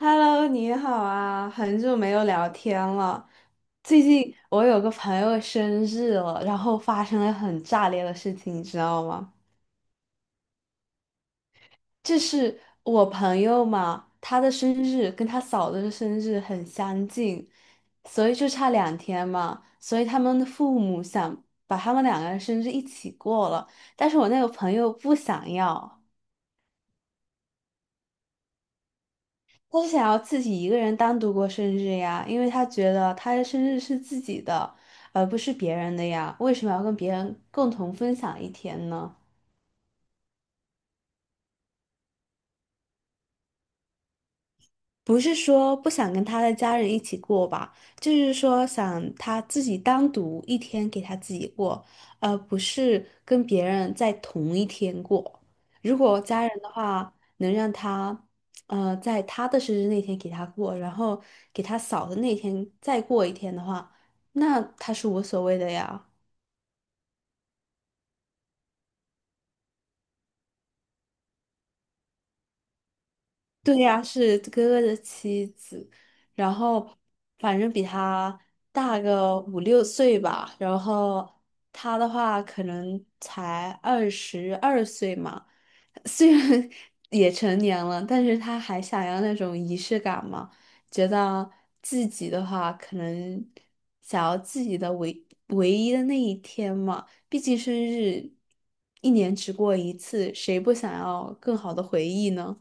Hello，你好啊，很久没有聊天了。最近我有个朋友生日了，然后发生了很炸裂的事情，你知道吗？就是我朋友嘛，他的生日跟他嫂子的生日很相近，所以就差2天嘛，所以他们的父母想把他们两个人生日一起过了，但是我那个朋友不想要。他是想要自己一个人单独过生日呀，因为他觉得他的生日是自己的，而不是别人的呀，为什么要跟别人共同分享一天呢？不是说不想跟他的家人一起过吧，就是说想他自己单独一天给他自己过，而不是跟别人在同一天过。如果家人的话，能让他，在他的生日那天给他过，然后给他嫂的那天再过一天的话，那他是无所谓的呀。对呀，是哥哥的妻子，然后反正比他大个5、6岁吧，然后他的话可能才22岁嘛，虽然 也成年了，但是他还想要那种仪式感嘛，觉得自己的话可能想要自己的唯一的那一天嘛，毕竟生日一年只过一次，谁不想要更好的回忆呢？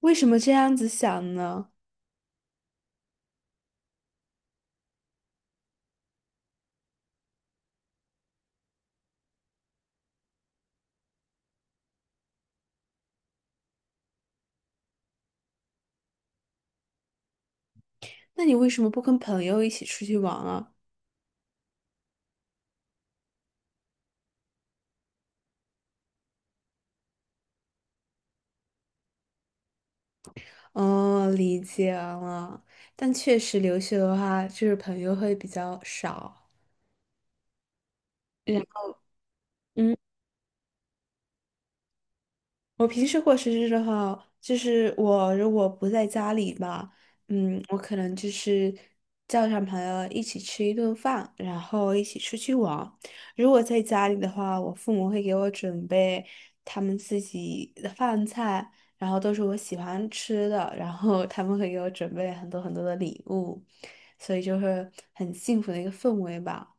为什么这样子想呢？那你为什么不跟朋友一起出去玩啊？哦，理解了。但确实留学的话，就是朋友会比较少。嗯。我平时过生日的话，就是我如果不在家里吧，嗯，我可能就是叫上朋友一起吃一顿饭，然后一起出去玩。如果在家里的话，我父母会给我准备他们自己的饭菜，然后都是我喜欢吃的，然后他们会给我准备很多很多的礼物，所以就会很幸福的一个氛围吧。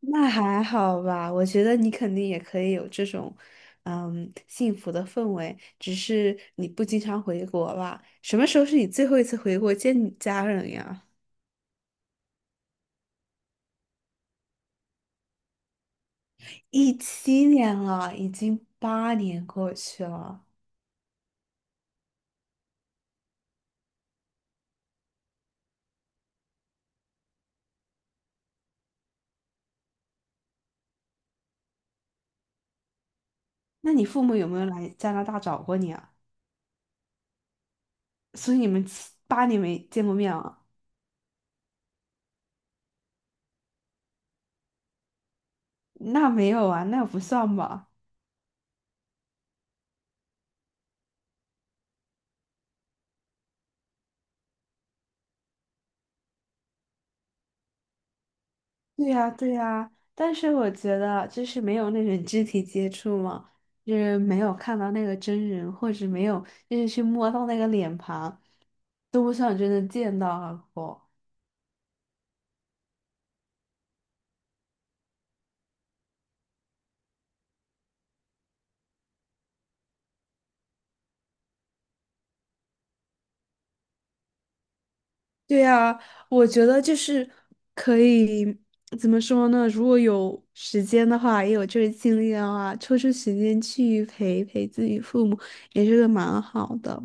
那还好吧，我觉得你肯定也可以有这种，嗯，幸福的氛围，只是你不经常回国吧？什么时候是你最后一次回国见你家人呀？17年了，已经八年过去了。那你父母有没有来加拿大找过你啊？所以你们7、8年没见过面啊？那没有啊，那不算吧。对呀，对呀，但是我觉得就是没有那种肢体接触嘛，就是没有看到那个真人，或者没有就是去摸到那个脸庞，都不想真的见到过。对呀，我觉得就是可以怎么说呢？如果有时间的话，也有这个精力的话，抽出时间去陪陪自己父母，也是个蛮好的。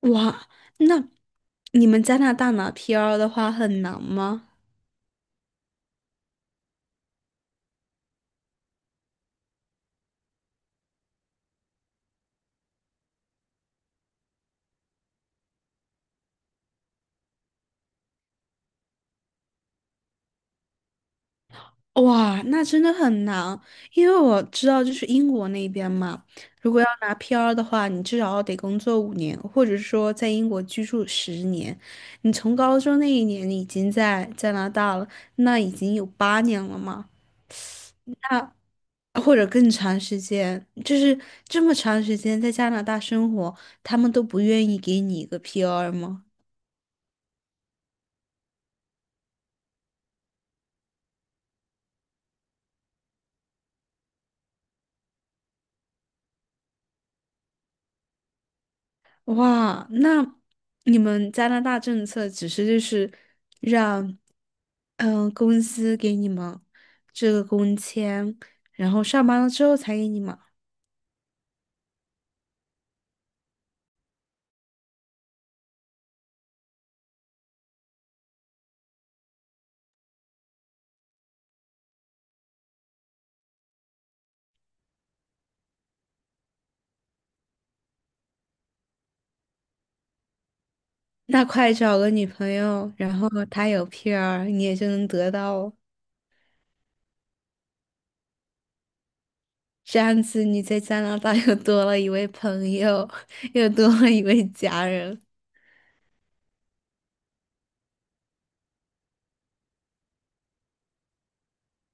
哇，那你们加拿大拿 PR 的话很难吗？哇，那真的很难，因为我知道就是英国那边嘛，如果要拿 PR 的话，你至少得工作5年，或者说在英国居住10年。你从高中那一年你已经在加拿大了，那已经有八年了嘛，或者更长时间，就是这么长时间在加拿大生活，他们都不愿意给你一个 PR 吗？哇，那你们加拿大政策只是就是让，嗯、公司给你们这个工签，然后上班了之后才给你们。那快找个女朋友，然后她有 PR，你也就能得到哦。这样子你在加拿大又多了一位朋友，又多了一位家人。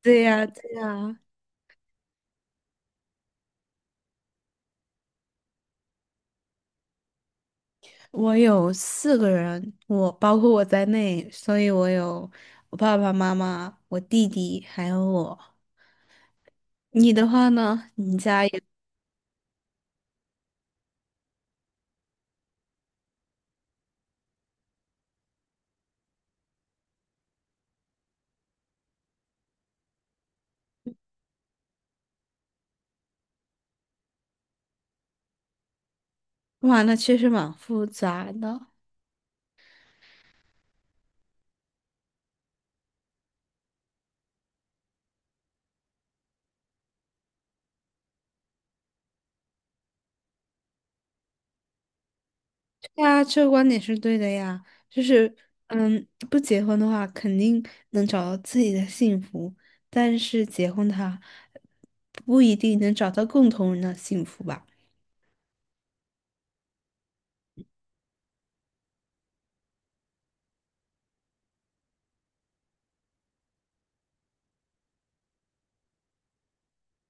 对呀，对呀。我有4个人，我包括我在内，所以我有我爸爸妈妈、我弟弟还有我。你的话呢？你家也，哇，那确实蛮复杂的。对啊，这个观点是对的呀。就是，嗯，不结婚的话，肯定能找到自己的幸福，但是结婚的话，不一定能找到共同人的幸福吧。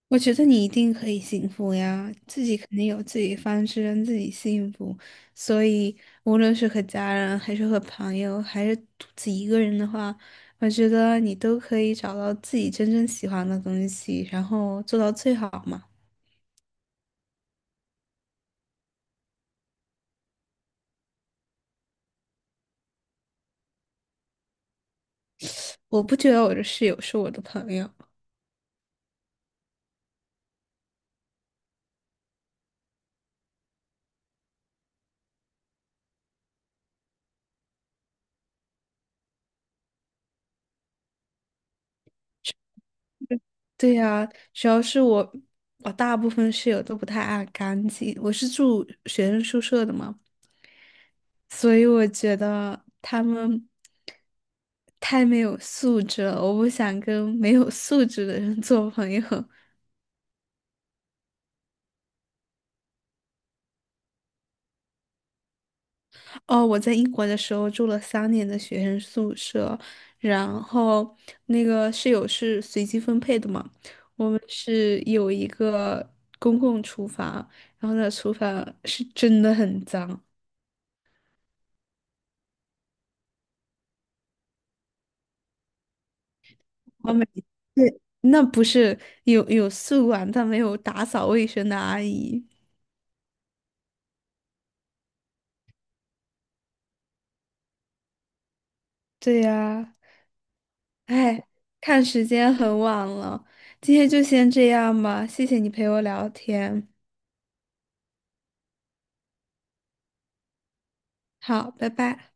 我觉得你一定可以幸福呀，自己肯定有自己的方式让自己幸福，所以无论是和家人，还是和朋友，还是独自一个人的话，我觉得你都可以找到自己真正喜欢的东西，然后做到最好嘛。我不觉得我的室友是我的朋友，对呀，主要是我大部分室友都不太爱干净，我是住学生宿舍的嘛，所以我觉得他们太没有素质了，我不想跟没有素质的人 做朋友。哦，我在英国的时候住了3年的学生宿舍，然后那个室友是随机分配的嘛，我们是有一个公共厨房，然后那厨房是真的很脏。我每对。那不是，有宿管，但没有打扫卫生的阿姨。对呀，哎，看时间很晚了，今天就先这样吧，谢谢你陪我聊天，好，拜拜。